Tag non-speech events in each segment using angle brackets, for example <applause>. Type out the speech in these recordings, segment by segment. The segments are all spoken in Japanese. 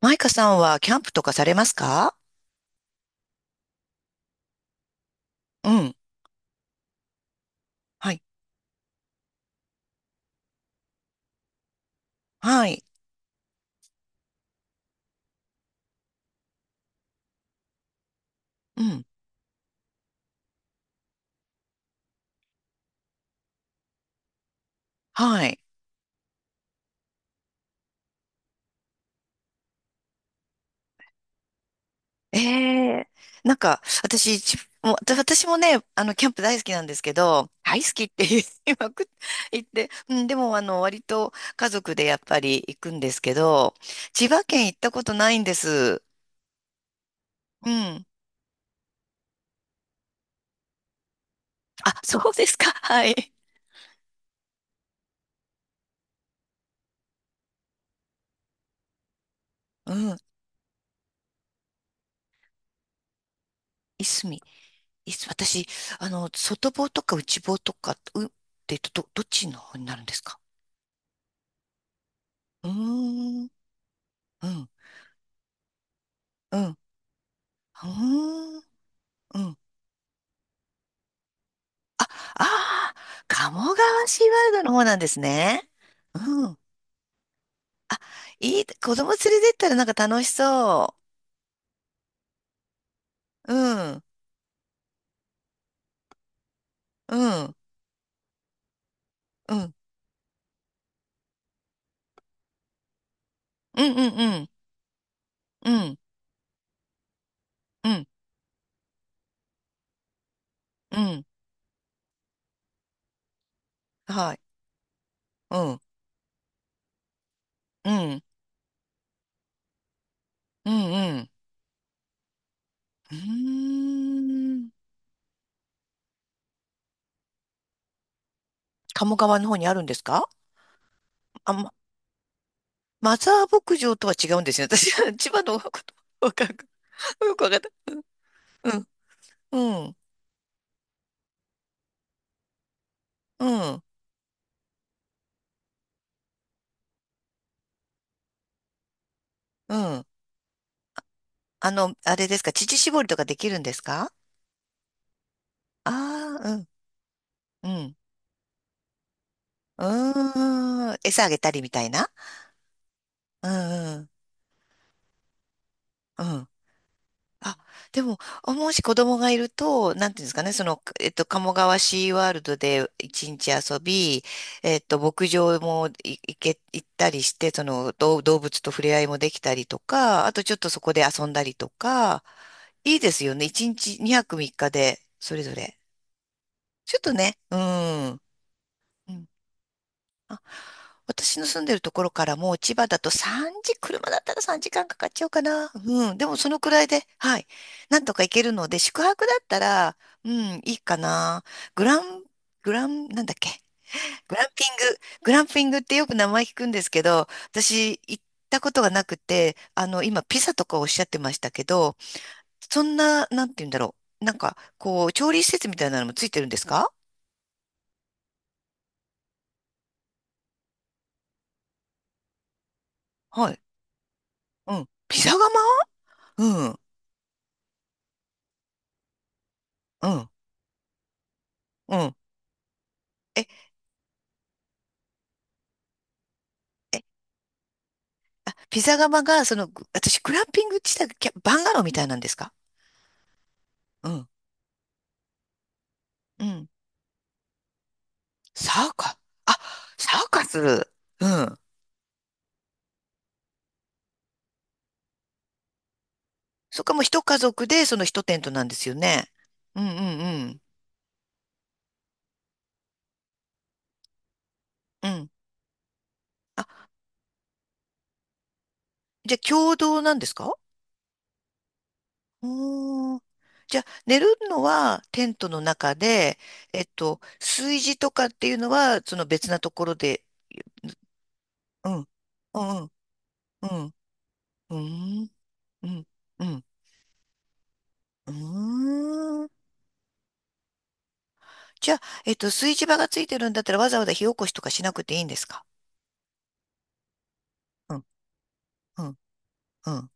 マイカさんはキャンプとかされますか？うん。はい。はい。うん。はい。ええ。なんか、私、ちもう私もね、キャンプ大好きなんですけど、大好きって言い <laughs> まくっ <laughs> 言って、うん、でも、割と家族でやっぱり行くんですけど、千葉県行ったことないんです。うん。あ、そうですか。<laughs> はい。うん。いすみ。私、外房とか内房とか、って言うと、どっちの方になるんですか？うーん。うん。うん。ほーん。うん。あ、ああ、鴨川シーワールドの方なんですね。うん。子供連れてったらなんか楽しそう。うん。うん。うん。うん。うん。うん。うん。うん。うん、はい。うん。うん。うん。うん。うーん。鴨川の方にあるんですか？あ、マザー牧場とは違うんですよ。私は千葉の方のことわかんない。よくわかった。うん。うん。うん。うん。あれですか、乳搾りとかできるんですか？ああー、うん、うん。うーん。餌あげたりみたいな。うん、うん、うん。あ、でも、あもし子供がいると、なんていうんですかね、鴨川シーワールドで一日遊び、牧場もい行け、行ったりして、動物と触れ合いもできたりとか、あとちょっとそこで遊んだりとか、いいですよね。一日2泊3日で、それぞれ。ちょっとね、うん。うん、私の住んでるところからもう千葉だと3時、車だったら3時間かんかかっちゃうかな。うん。でもそのくらいで、はい。なんとか行けるので、宿泊だったら、うん、いいかな。グラン、グラン、なんだっけ。グランピング。グランピングってよく名前聞くんですけど、私行ったことがなくて、今ピザとかおっしゃってましたけど、そんな、なんて言うんだろう。なんか、こう、調理施設みたいなのもついてるんですか？はい。うん。ピザ窯。うん。うん。うん。え、えピザ窯が、グランピング地帯、キャバンガローみたいなんですか？うん。うん。サーカあ、サーカス。うん。そっか、もう一家族で、その一テントなんですよね。うんうんうん。うん。あ、じゃあ、共同なんですか？おー。じゃあ、寝るのはテントの中で、炊事とかっていうのは、その別なところで、うん。うんうんうん。うん。うん。うん。うーん。じゃあ、炊事場がついてるんだったらわざわざ火起こしとかしなくていいんですか？うん、うん、うん、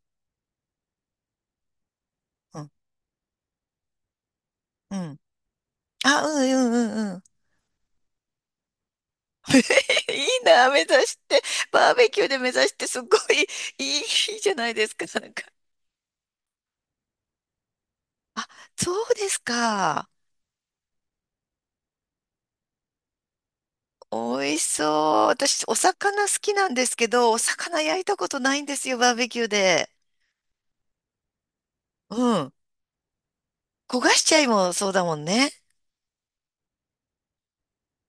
うん、うん。あ、うん、うん、うん、うん。<laughs> いいな、目指して。バーベキューで目指して、すごいいい、いいじゃないですか、<laughs> なんか。あ、そうですか。美味しそう。私、お魚好きなんですけど、お魚焼いたことないんですよ、バーベキューで。うん。焦がしちゃいもそうだもんね。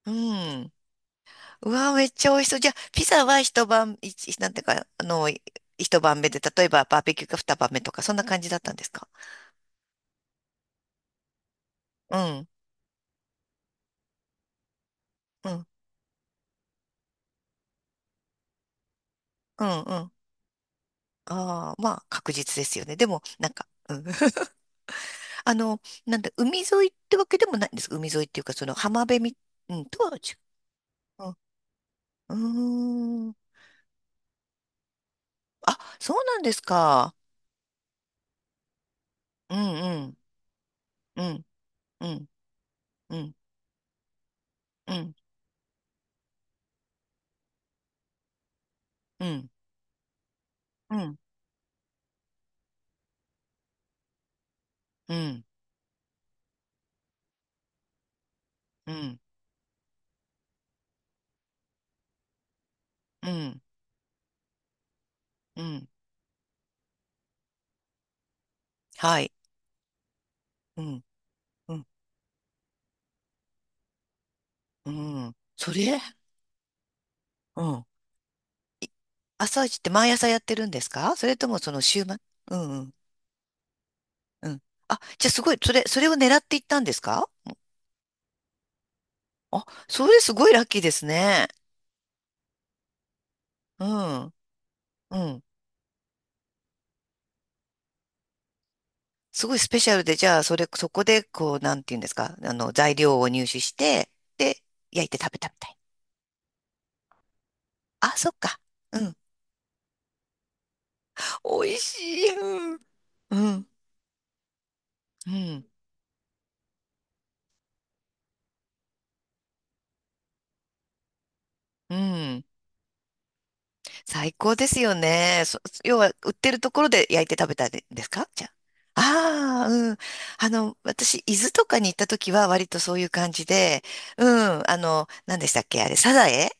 うん。うわー、めっちゃ美味しそう。じゃあ、ピザは一晩、なんていうか、一晩目で、例えばバーベキューが二晩目とか、そんな感じだったんですか？うん、うん、うん、うん。ああ、まあ、確実ですよね。でも、なんか、うん <laughs> なんだ、海沿いってわけでもないんですか。海沿いっていうか、その浜辺み、うん、とは違う。うん、うーん。あ、そうなんですか。うん、うん、うん、うん、うん、うん、うん、うん、うん、うん、うん、うん、はい。うん、うんうん。それ。うん。朝一って毎朝やってるんですか？それともその週末？うんうん。うん。あ、じゃあすごい、それを狙っていったんですか？あ、それすごいラッキーですね。うん。うん。すごいスペシャルで、じゃあ、そこで、こう、なんていうんですか、材料を入手して、で、焼いて食べたみたい。あ、そっか。うん。美味しい。うん。うん。うん。うん。最高ですよね。要は、売ってるところで焼いて食べたんですか？じゃあ。ああ、うん。私、伊豆とかに行った時は割とそういう感じで、うん、何でしたっけあれ、サザエ。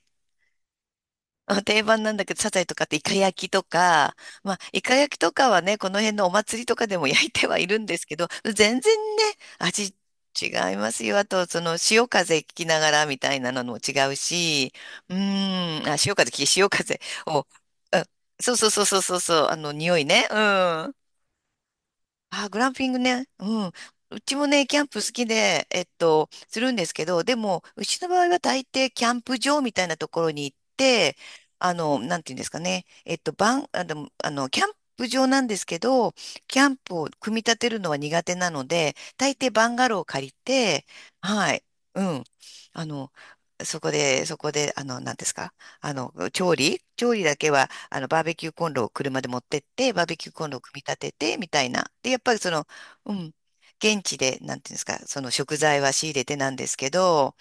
あ、定番なんだけど、サザエとかってイカ焼きとか、まあ、イカ焼きとかはね、この辺のお祭りとかでも焼いてはいるんですけど、<laughs> 全然ね、味違いますよ。あと、潮風聞きながらみたいなのも違うし、うーん、あ、潮風を、うん、そうそうそうそうそうそう、匂いね。うん。あー、グランピングね。うん。うちもね、キャンプ好きで、するんですけど、でも、うちの場合は大抵キャンプ場みたいなところに行って、なんていうんですかね。キャンプ場なんですけど、キャンプを組み立てるのは苦手なので、大抵バンガローを借りて、はい。うん。あの、そこで、なんですか。調理だけはバーベキューコンロを車で持ってって、バーベキューコンロを組み立てて、みたいな。で、やっぱりうん、現地で、なんていうんですか、その食材は仕入れてなんですけど、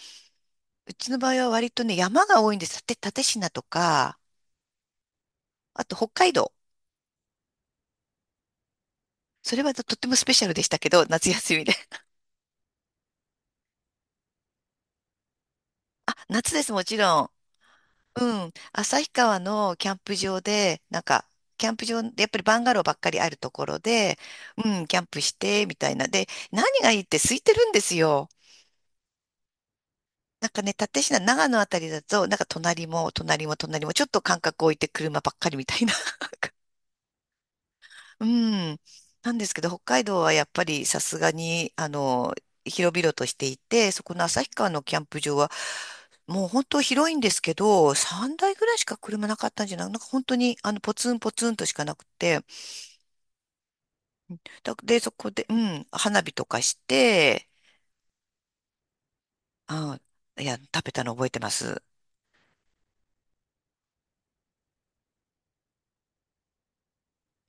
うちの場合は割とね、山が多いんです。蓼科とか、あと北海道。それはとってもスペシャルでしたけど、夏休みで。<laughs> あ、夏です、もちろん。うん。旭川のキャンプ場で、やっぱりバンガローばっかりあるところで、うん、キャンプして、みたいな。で、何がいいって空いてるんですよ。なんかね、蓼科、長野あたりだと、なんか隣も隣も隣も、ちょっと間隔置いて車ばっかりみたいな。<laughs> うん。なんですけど、北海道はやっぱりさすがに、広々としていて、そこの旭川のキャンプ場は、もう本当広いんですけど、3台ぐらいしか車なかったんじゃない？なんか本当に、ポツンポツンとしかなくて、で、そこで、うん、花火とかして、あ、いや、食べたの覚えてます。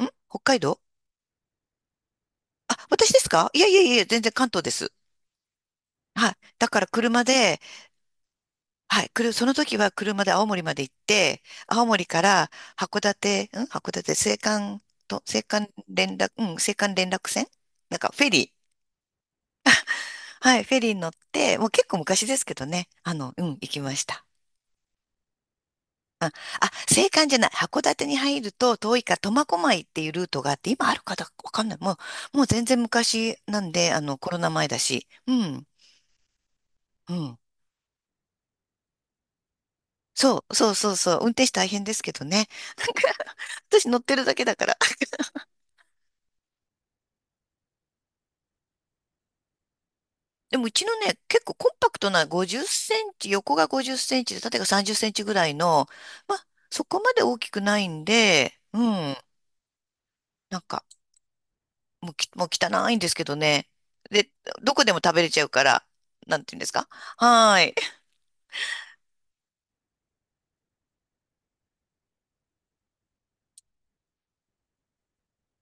北海道。あ、私ですか？いやいやいや、全然関東です。はい。だから車で、はい。その時は車で青森まで行って、青森から函館、函青函連絡、うん、青函連絡船、なんかフェリー。はい。フェリーに乗って、もう結構昔ですけどね。うん、行きました。あ、青函じゃない。函館に入ると遠いから苫小牧っていうルートがあって、今あるかどうかわかんない。もう全然昔なんで、コロナ前だし。うん。うん。そう、そうそうそう。運転手大変ですけどね。<laughs> なんか、私乗ってるだけだから。<laughs> でもうちのね、結構コンパクトな50センチ、横が50センチで縦が30センチぐらいの、まあ、そこまで大きくないんで、うん、なんか、もう汚いんですけどね。で、どこでも食べれちゃうから、なんていうんですか。はーい。